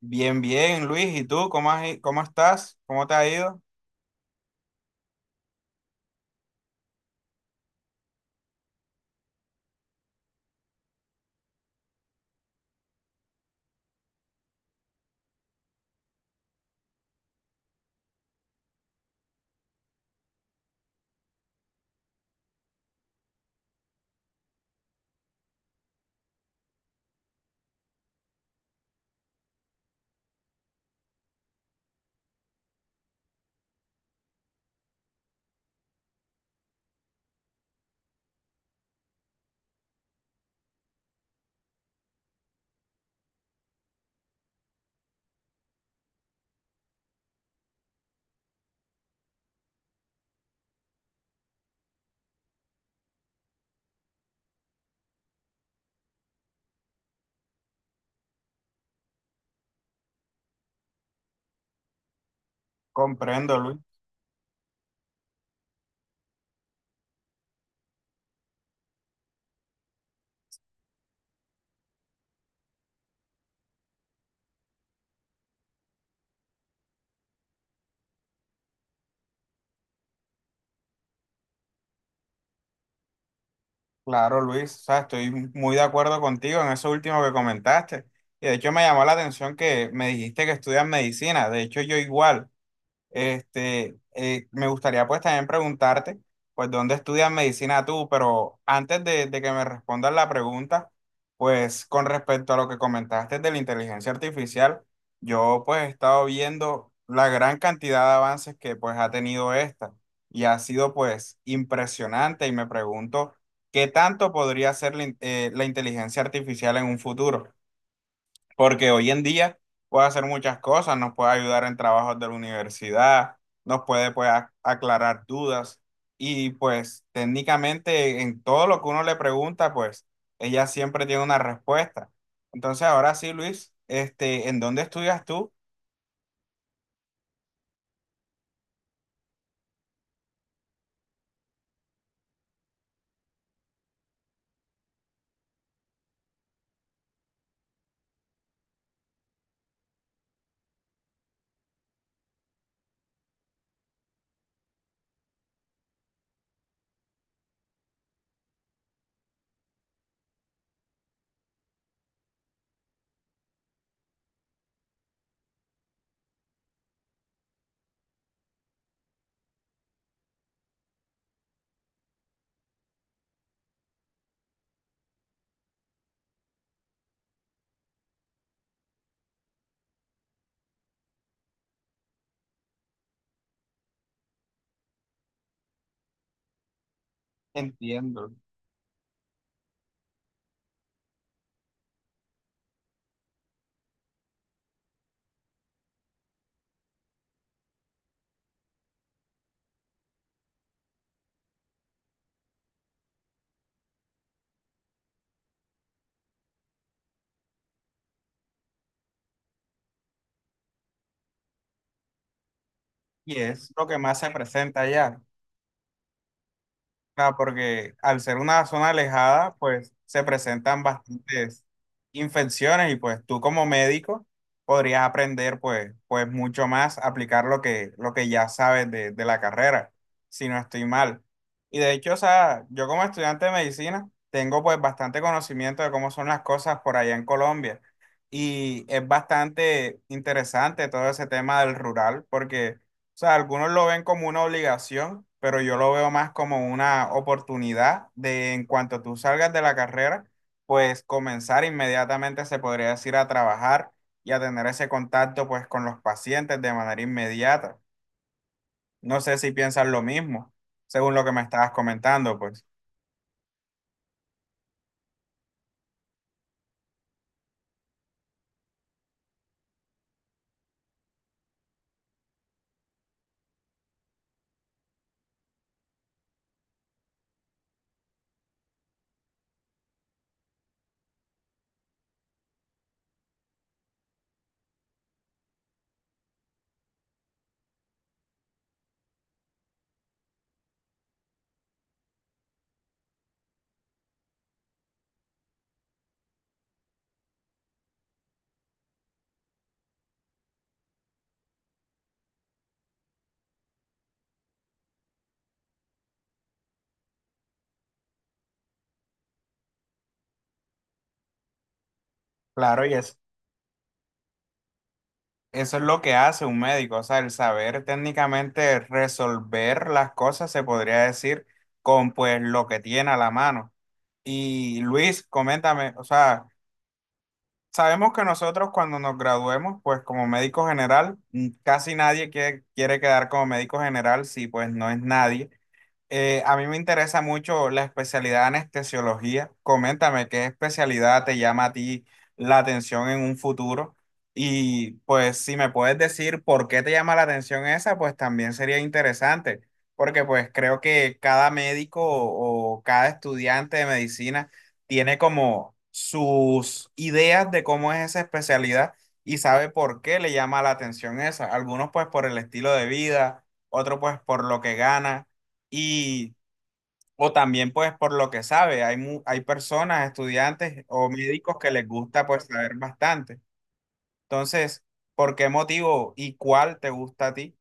Bien, bien, Luis. ¿Y tú cómo cómo estás? ¿Cómo te ha ido? Comprendo, Luis. Claro, Luis. O sea, estoy muy de acuerdo contigo en eso último que comentaste. Y de hecho me llamó la atención que me dijiste que estudias medicina. De hecho, yo igual. Este, me gustaría pues también preguntarte, pues, ¿dónde estudias medicina tú? Pero antes de que me respondas la pregunta, pues, con respecto a lo que comentaste de la inteligencia artificial, yo pues he estado viendo la gran cantidad de avances que pues ha tenido esta y ha sido pues impresionante y me pregunto, ¿qué tanto podría ser la inteligencia artificial en un futuro? Porque hoy en día puede hacer muchas cosas, nos puede ayudar en trabajos de la universidad, nos puede pues, aclarar dudas y pues técnicamente en todo lo que uno le pregunta, pues ella siempre tiene una respuesta. Entonces ahora sí, Luis, este, ¿en dónde estudias tú? Entiendo. ¿Y es lo que más se presenta allá? Ah, porque al ser una zona alejada, pues se presentan bastantes infecciones y pues tú como médico podrías aprender pues, pues mucho más, aplicar lo que ya sabes de la carrera, si no estoy mal. Y de hecho, o sea, yo como estudiante de medicina tengo pues bastante conocimiento de cómo son las cosas por allá en Colombia. Y es bastante interesante todo ese tema del rural, porque o sea, algunos lo ven como una obligación, pero yo lo veo más como una oportunidad de en cuanto tú salgas de la carrera, pues comenzar inmediatamente, se podría decir, a trabajar y a tener ese contacto pues con los pacientes de manera inmediata. No sé si piensas lo mismo, según lo que me estabas comentando, pues. Claro, y ese. Eso es lo que hace un médico, o sea, el saber técnicamente resolver las cosas, se podría decir, con pues lo que tiene a la mano. Y Luis, coméntame, o sea, sabemos que nosotros cuando nos graduemos, pues como médico general, mm, casi nadie quiere quedar como médico general si pues no es nadie. A mí me interesa mucho la especialidad de anestesiología. Coméntame qué especialidad te llama a ti la atención en un futuro. Y pues si me puedes decir por qué te llama la atención esa, pues también sería interesante, porque pues creo que cada médico o cada estudiante de medicina tiene como sus ideas de cómo es esa especialidad y sabe por qué le llama la atención esa. Algunos pues por el estilo de vida, otros pues por lo que gana y, o también pues por lo que sabe, hay, hay personas, estudiantes o médicos que les gusta pues saber bastante. Entonces, ¿por qué motivo y cuál te gusta a ti?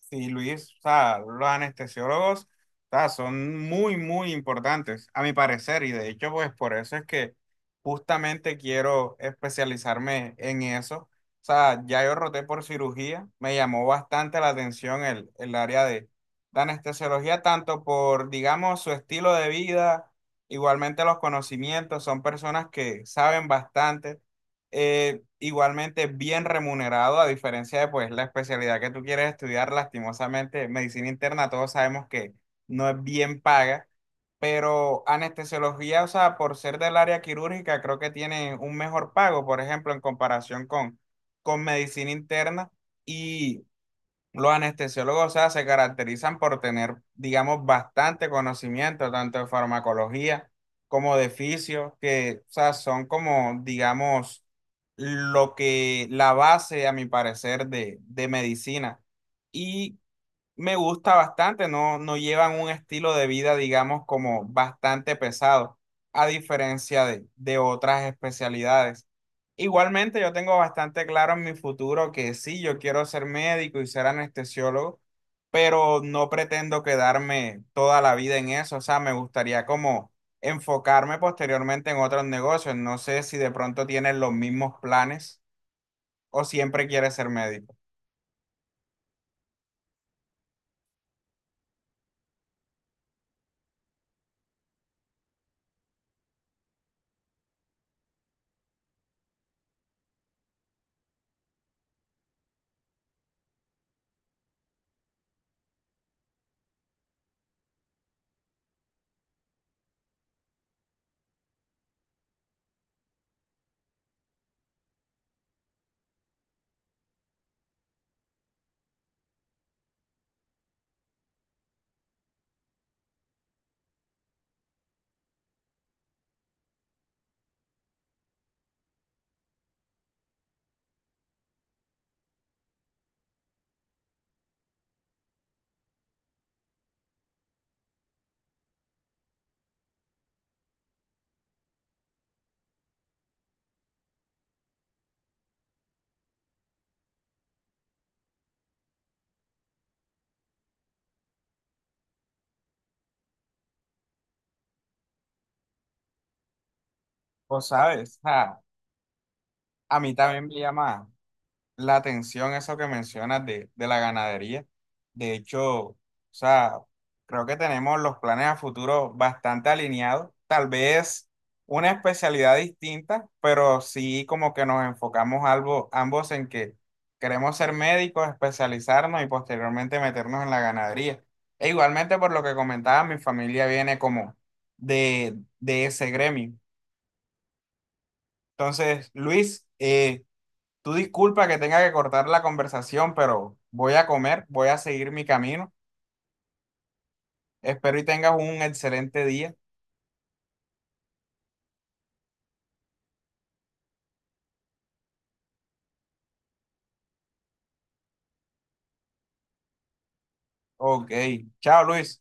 Sí, Luis, o sea, los anestesiólogos, o sea, son muy, muy importantes, a mi parecer, y de hecho, pues por eso es que justamente quiero especializarme en eso. O sea, ya yo roté por cirugía, me llamó bastante la atención el área de anestesiología, tanto por, digamos, su estilo de vida, igualmente los conocimientos, son personas que saben bastante igualmente bien remunerado, a diferencia de pues la especialidad que tú quieres estudiar, lastimosamente, medicina interna, todos sabemos que no es bien paga, pero anestesiología, o sea, por ser del área quirúrgica, creo que tiene un mejor pago, por ejemplo, en comparación con medicina interna. Y los anestesiólogos, o sea, se caracterizan por tener, digamos, bastante conocimiento, tanto de farmacología como de fisios, que, o sea, son como, digamos, lo que, la base, a mi parecer, de medicina. Y me gusta bastante, no, no llevan un estilo de vida, digamos, como bastante pesado, a diferencia de otras especialidades. Igualmente, yo tengo bastante claro en mi futuro que sí, yo quiero ser médico y ser anestesiólogo, pero no pretendo quedarme toda la vida en eso. O sea, me gustaría como enfocarme posteriormente en otros negocios. No sé si de pronto tienes los mismos planes o siempre quieres ser médico. O sabes, ah, a mí también me llama la atención eso que mencionas de la ganadería. De hecho, o sea, creo que tenemos los planes a futuro bastante alineados. Tal vez una especialidad distinta, pero sí como que nos enfocamos algo, ambos en que queremos ser médicos, especializarnos y posteriormente meternos en la ganadería. E igualmente, por lo que comentaba, mi familia viene como de ese gremio. Entonces, Luis, tú disculpa que tenga que cortar la conversación, pero voy a comer, voy a seguir mi camino. Espero y tengas un excelente día. Ok, chao Luis.